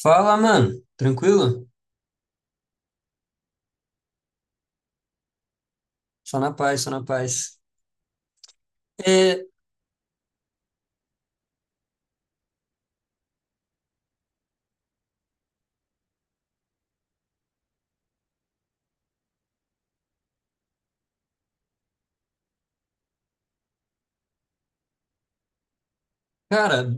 Fala, mano. Tranquilo? Só na paz, só na paz. É, cara,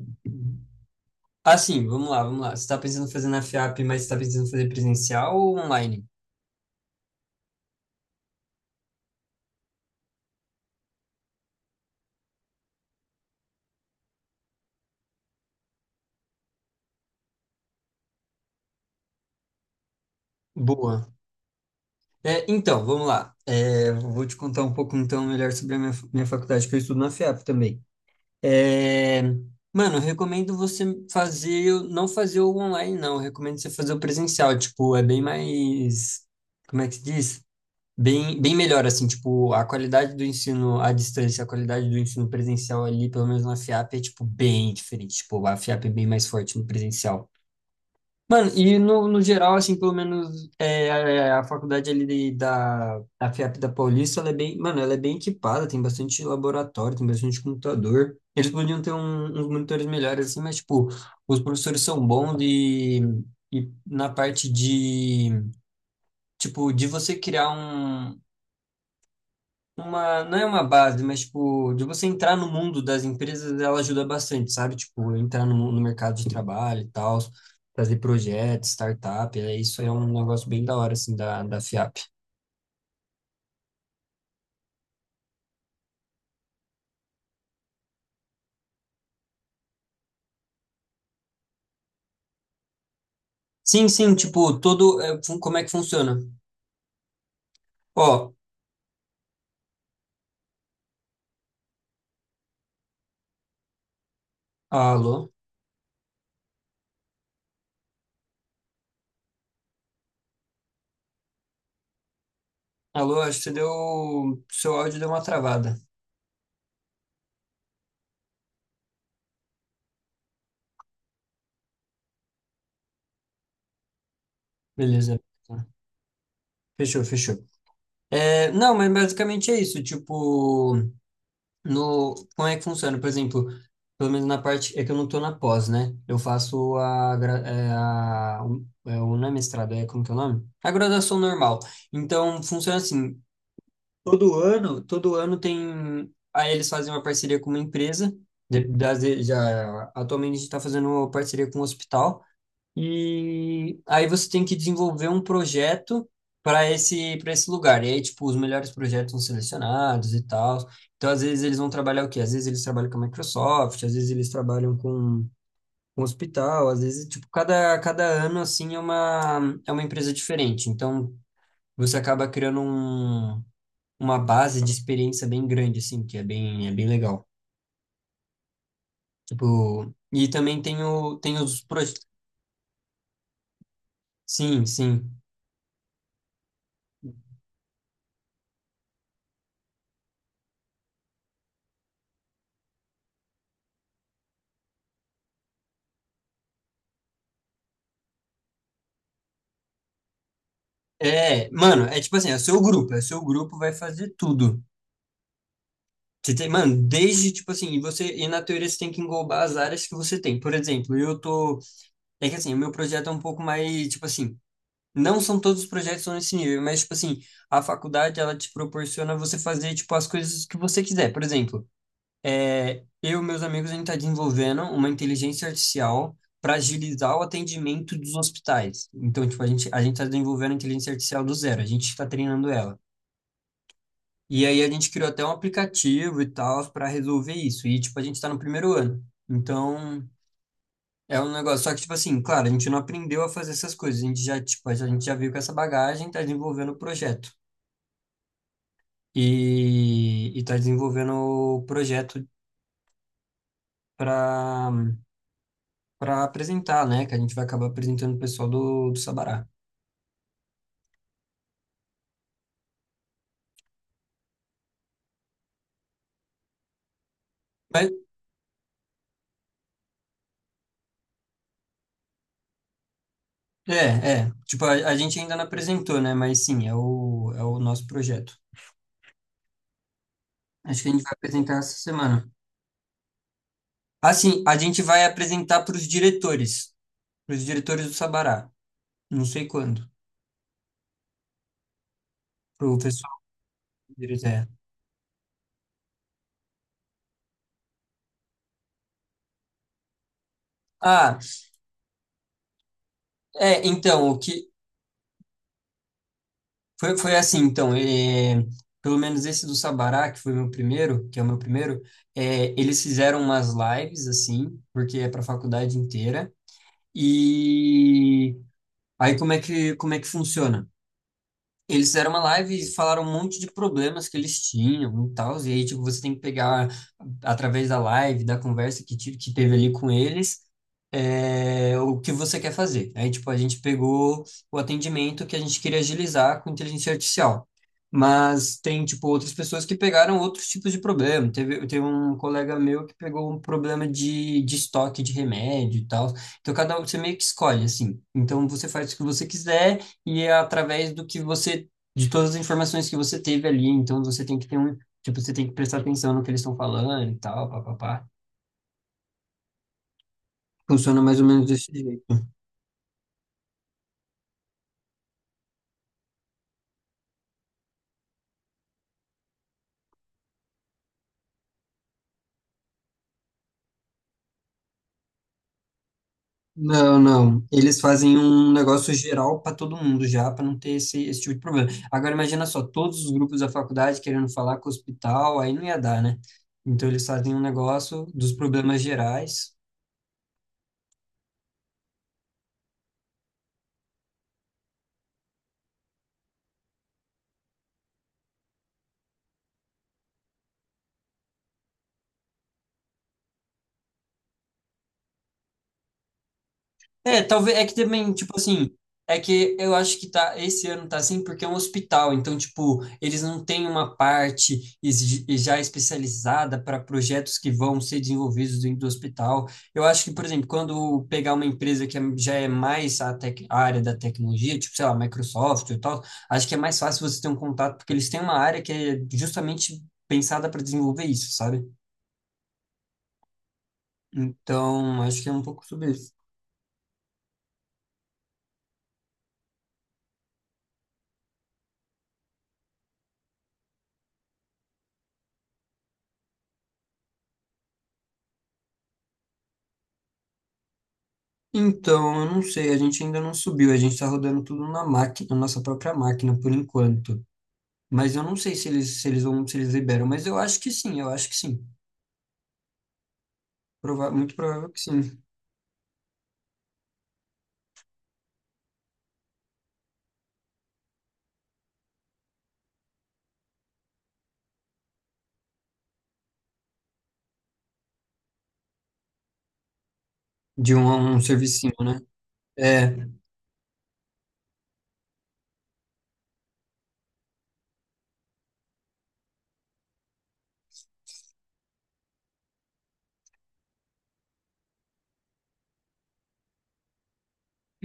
vamos lá, vamos lá. Você tá pensando em fazer na FIAP, mas você tá pensando em fazer presencial ou online? Boa. Vamos lá. Vou te contar um pouco, então, melhor sobre a minha, minha faculdade, que eu estudo na FIAP também. É, mano, eu recomendo você fazer, não fazer o online, não. Eu recomendo você fazer o presencial. Tipo, é bem mais, como é que se diz? Bem melhor, assim, tipo, a qualidade do ensino à distância, a qualidade do ensino presencial ali, pelo menos na FIAP, é, tipo, bem diferente. Tipo, a FIAP é bem mais forte no presencial. Mano, e no geral, assim, pelo menos a faculdade ali da FIAP da Paulista, ela é bem, mano, ela é bem equipada, tem bastante laboratório, tem bastante computador. Eles podiam ter uns monitores melhores, assim, mas, tipo, os professores são bons e na parte de, tipo, de você criar uma, não é uma base, mas tipo, de você entrar no mundo das empresas, ela ajuda bastante, sabe? Tipo, entrar no mercado de trabalho e tal, fazer projetos, startup, é, isso é um negócio bem da hora, assim, da FIAP. Sim, sim, tipo, todo, é, como é que funciona? Ó, alô, alô, acho que você deu, seu áudio deu uma travada. Beleza. Fechou, fechou. Não, mas basicamente é isso, tipo, no, como é que funciona? Por exemplo, pelo menos na parte, é que eu não tô na pós, né? Eu faço a, não é mestrado, é como que é o nome? A graduação normal. Então, funciona assim, todo ano tem, aí eles fazem uma parceria com uma empresa, atualmente a gente tá fazendo uma parceria com um hospital, e aí você tem que desenvolver um projeto para para esse lugar. E aí, tipo, os melhores projetos são selecionados e tal. Então, às vezes, eles vão trabalhar o quê? Às vezes eles trabalham com a Microsoft, às vezes eles trabalham com o hospital, às vezes, tipo, cada ano, assim, é uma empresa diferente. Então, você acaba criando uma base de experiência bem grande, assim, que é é bem legal. Tipo, e também tem, o, tem os projetos. Sim, sim. Mano, é tipo assim, é o seu grupo, é o seu grupo vai fazer tudo. Você tem, mano, desde tipo assim, e você e na teoria você tem que englobar as áreas que você tem. Por exemplo, eu tô, é que assim, o meu projeto é um pouco mais, tipo assim, não são todos os projetos são nesse nível, mas tipo assim, a faculdade ela te proporciona você fazer tipo as coisas que você quiser. Por exemplo, eu e meus amigos a gente tá desenvolvendo uma inteligência artificial para agilizar o atendimento dos hospitais. Então, tipo, a gente tá desenvolvendo a inteligência artificial do zero, a gente está treinando ela. E aí a gente criou até um aplicativo e tal para resolver isso. E tipo, a gente tá no 1º ano. Então, é um negócio, só que tipo assim, claro, a gente não aprendeu a fazer essas coisas. A gente já, tipo, a gente já veio com essa bagagem, tá desenvolvendo o projeto. E tá desenvolvendo o projeto para para apresentar, né, que a gente vai acabar apresentando o pessoal do Sabará. Mas, tipo, a gente ainda não apresentou, né, mas sim, é o nosso projeto. Acho que a gente vai apresentar essa semana. Assim, a gente vai apresentar para os diretores do Sabará. Não sei quando, para o pessoal deles, é. Ah, é, então, o que foi, foi assim, então, é, pelo menos esse do Sabará, que foi meu primeiro, que é o meu primeiro, é, eles fizeram umas lives, assim, porque é para a faculdade inteira. E aí, como é que funciona? Eles fizeram uma live e falaram um monte de problemas que eles tinham e tal, e aí, tipo, você tem que pegar através da live, da conversa que teve ali com eles, é, o que você quer fazer. Aí, tipo, a gente pegou o atendimento que a gente queria agilizar com inteligência artificial. Mas tem, tipo, outras pessoas que pegaram outros tipos de problema. Teve um colega meu que pegou um problema de estoque de remédio e tal. Então, cada um, você meio que escolhe, assim. Então, você faz o que você quiser e é através do que você, de todas as informações que você teve ali. Então, você tem que ter tipo, você tem que prestar atenção no que eles estão falando e tal, papapá. Funciona mais ou menos desse jeito. Não, não. Eles fazem um negócio geral para todo mundo já, para não ter esse tipo de problema. Agora imagina só, todos os grupos da faculdade querendo falar com o hospital, aí não ia dar, né? Então eles fazem um negócio dos problemas gerais. É, talvez, é que também, tipo assim, é que eu acho que tá, esse ano tá assim porque é um hospital, então, tipo, eles não têm uma parte já especializada para projetos que vão ser desenvolvidos dentro do hospital. Eu acho que, por exemplo, quando pegar uma empresa que já é mais a, a área da tecnologia, tipo, sei lá, Microsoft e tal, acho que é mais fácil você ter um contato, porque eles têm uma área que é justamente pensada para desenvolver isso, sabe? Então, acho que é um pouco sobre isso. Então, eu não sei, a gente ainda não subiu, a gente tá rodando tudo na máquina, na nossa própria máquina por enquanto. Mas eu não sei se eles vão, se eles liberam, mas eu acho que sim, eu acho que sim. Muito provável que sim. De um, um servicinho, né? É,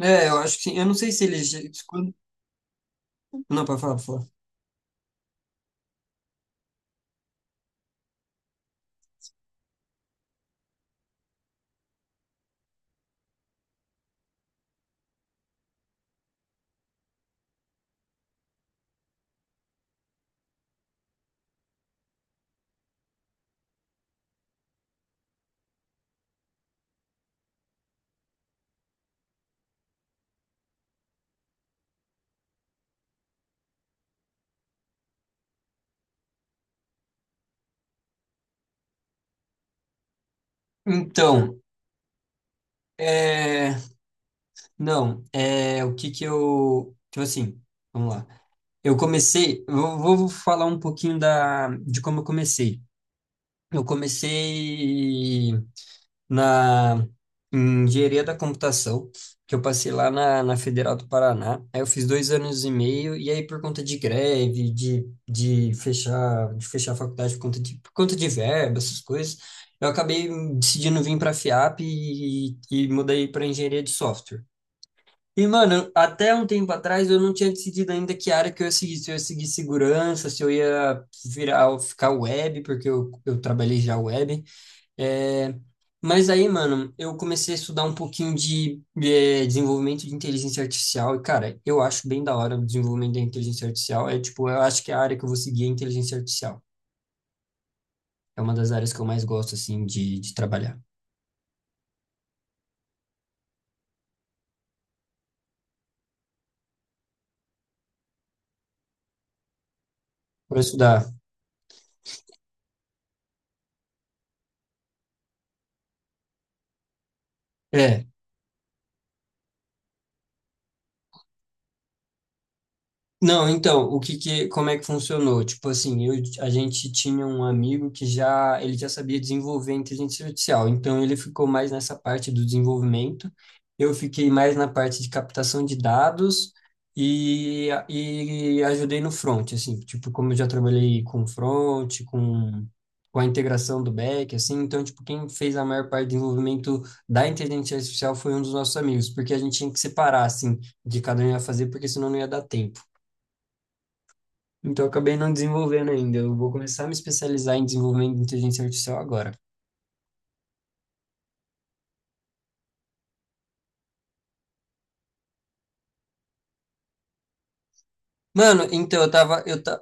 eu acho que sim. Eu não sei se eles não, para falar, pra falar. Então, é, não, é, o que que eu. Tipo assim, vamos lá. Eu comecei, eu vou vou falar um pouquinho da, de como eu comecei. Eu comecei na em engenharia da computação, que eu passei lá na Federal do Paraná. Aí eu fiz 2 anos e meio, e aí por conta de greve, de fechar a faculdade por conta de verba, essas coisas, eu acabei decidindo vir para a FIAP e mudei para engenharia de software. E, mano, até um tempo atrás eu não tinha decidido ainda que área que eu ia seguir, se eu ia seguir segurança, se eu ia virar, ficar web, porque eu trabalhei já web, é, mas aí, mano, eu comecei a estudar um pouquinho é, desenvolvimento de inteligência artificial e, cara, eu acho bem da hora o desenvolvimento da inteligência artificial. É tipo, eu acho que é a área que eu vou seguir é inteligência artificial. É uma das áreas que eu mais gosto, assim, de trabalhar. Para estudar. É. Não, então, o que que, como é que funcionou? Tipo assim, eu, a gente tinha um amigo que já, ele já sabia desenvolver inteligência artificial, então ele ficou mais nessa parte do desenvolvimento, eu fiquei mais na parte de captação de dados e ajudei no front, assim, tipo, como eu já trabalhei com front, com a integração do back, assim, então, tipo, quem fez a maior parte do desenvolvimento da inteligência artificial foi um dos nossos amigos, porque a gente tinha que separar, assim, de cada um ia fazer, porque senão não ia dar tempo. Então, eu acabei não desenvolvendo ainda. Eu vou começar a me especializar em desenvolvimento de inteligência artificial agora. Mano, então eu tava, eu ta...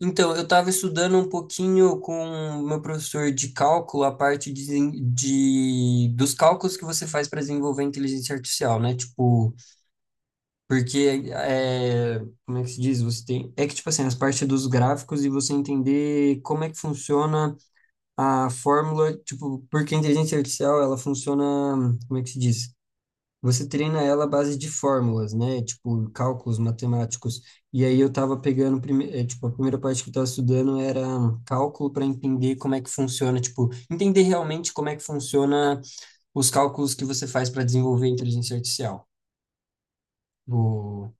então, eu tava estudando um pouquinho com o meu professor de cálculo, a parte dos cálculos que você faz para desenvolver inteligência artificial, né? Tipo, porque é, como é que se diz? Você tem, é que tipo assim, as partes dos gráficos e você entender como é que funciona a fórmula, tipo, porque a inteligência artificial, ela funciona, como é que se diz? Você treina ela à base de fórmulas, né? Tipo, cálculos matemáticos. E aí eu tava pegando, tipo, a primeira parte que eu tava estudando era cálculo para entender como é que funciona, tipo, entender realmente como é que funciona os cálculos que você faz para desenvolver a inteligência artificial. O-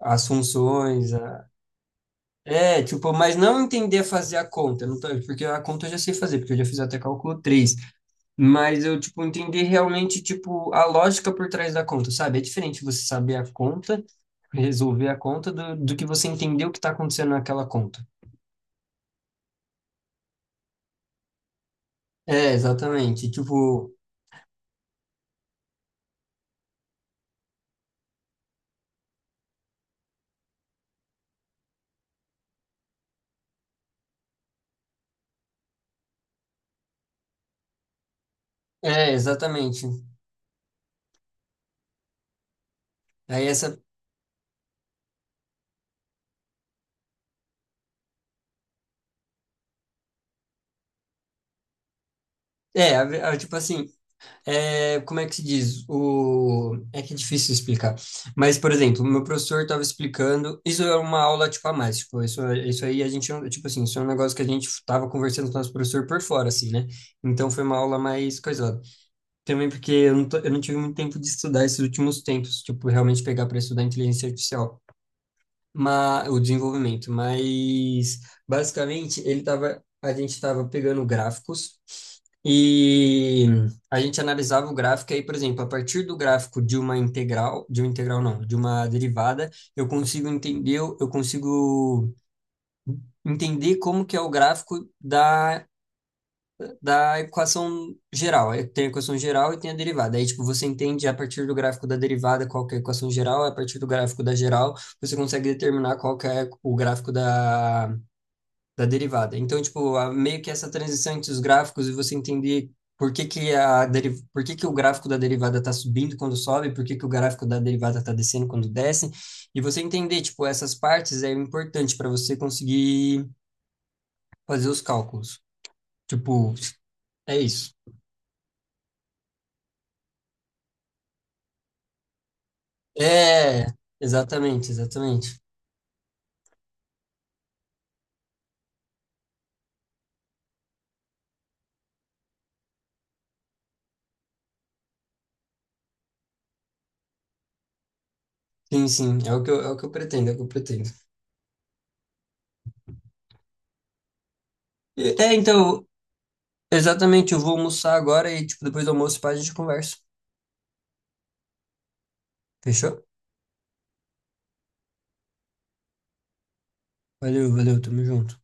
as funções, é, tipo, mas não entender a fazer a conta, não tá- porque a conta eu já sei fazer, porque eu já fiz até cálculo três. Mas eu, tipo, entender realmente, tipo, a lógica por trás da conta, sabe? É diferente você saber a conta, resolver a conta, do que você entender o que está acontecendo naquela conta. É, exatamente. Tipo, é, exatamente. Aí essa, é, tipo assim, é, como é que se diz? O, é que é difícil explicar. Mas, por exemplo, o meu professor estava explicando, isso é uma aula, tipo, a mais, tipo, isso aí a gente, tipo assim, isso é um negócio que a gente estava conversando com o nosso professor por fora, assim, né? Então foi uma aula mais coisa. Também porque eu não tive muito tempo de estudar esses últimos tempos, tipo, realmente pegar para estudar inteligência artificial, mas, o desenvolvimento. Mas, basicamente, a gente estava pegando gráficos e a gente analisava o gráfico. E aí, por exemplo, a partir do gráfico de uma integral não, de uma derivada, eu consigo entender como que é o gráfico da equação geral. Aí tem a equação geral e tem a derivada. Aí, tipo, você entende a partir do gráfico da derivada qual que é a equação geral, a partir do gráfico da geral, você consegue determinar qual que é o gráfico da derivada. Então, tipo, meio que essa transição entre os gráficos e você entender por que que o gráfico da derivada está subindo quando sobe, por que que o gráfico da derivada está descendo quando desce, e você entender, tipo, essas partes é importante para você conseguir fazer os cálculos. Tipo, é isso. É, exatamente. Sim, sim, é o que eu pretendo, é o que eu pretendo. É, então, exatamente, eu vou almoçar agora e, tipo, depois do almoço, pá, a gente conversa. Fechou? Valeu, valeu, tamo junto.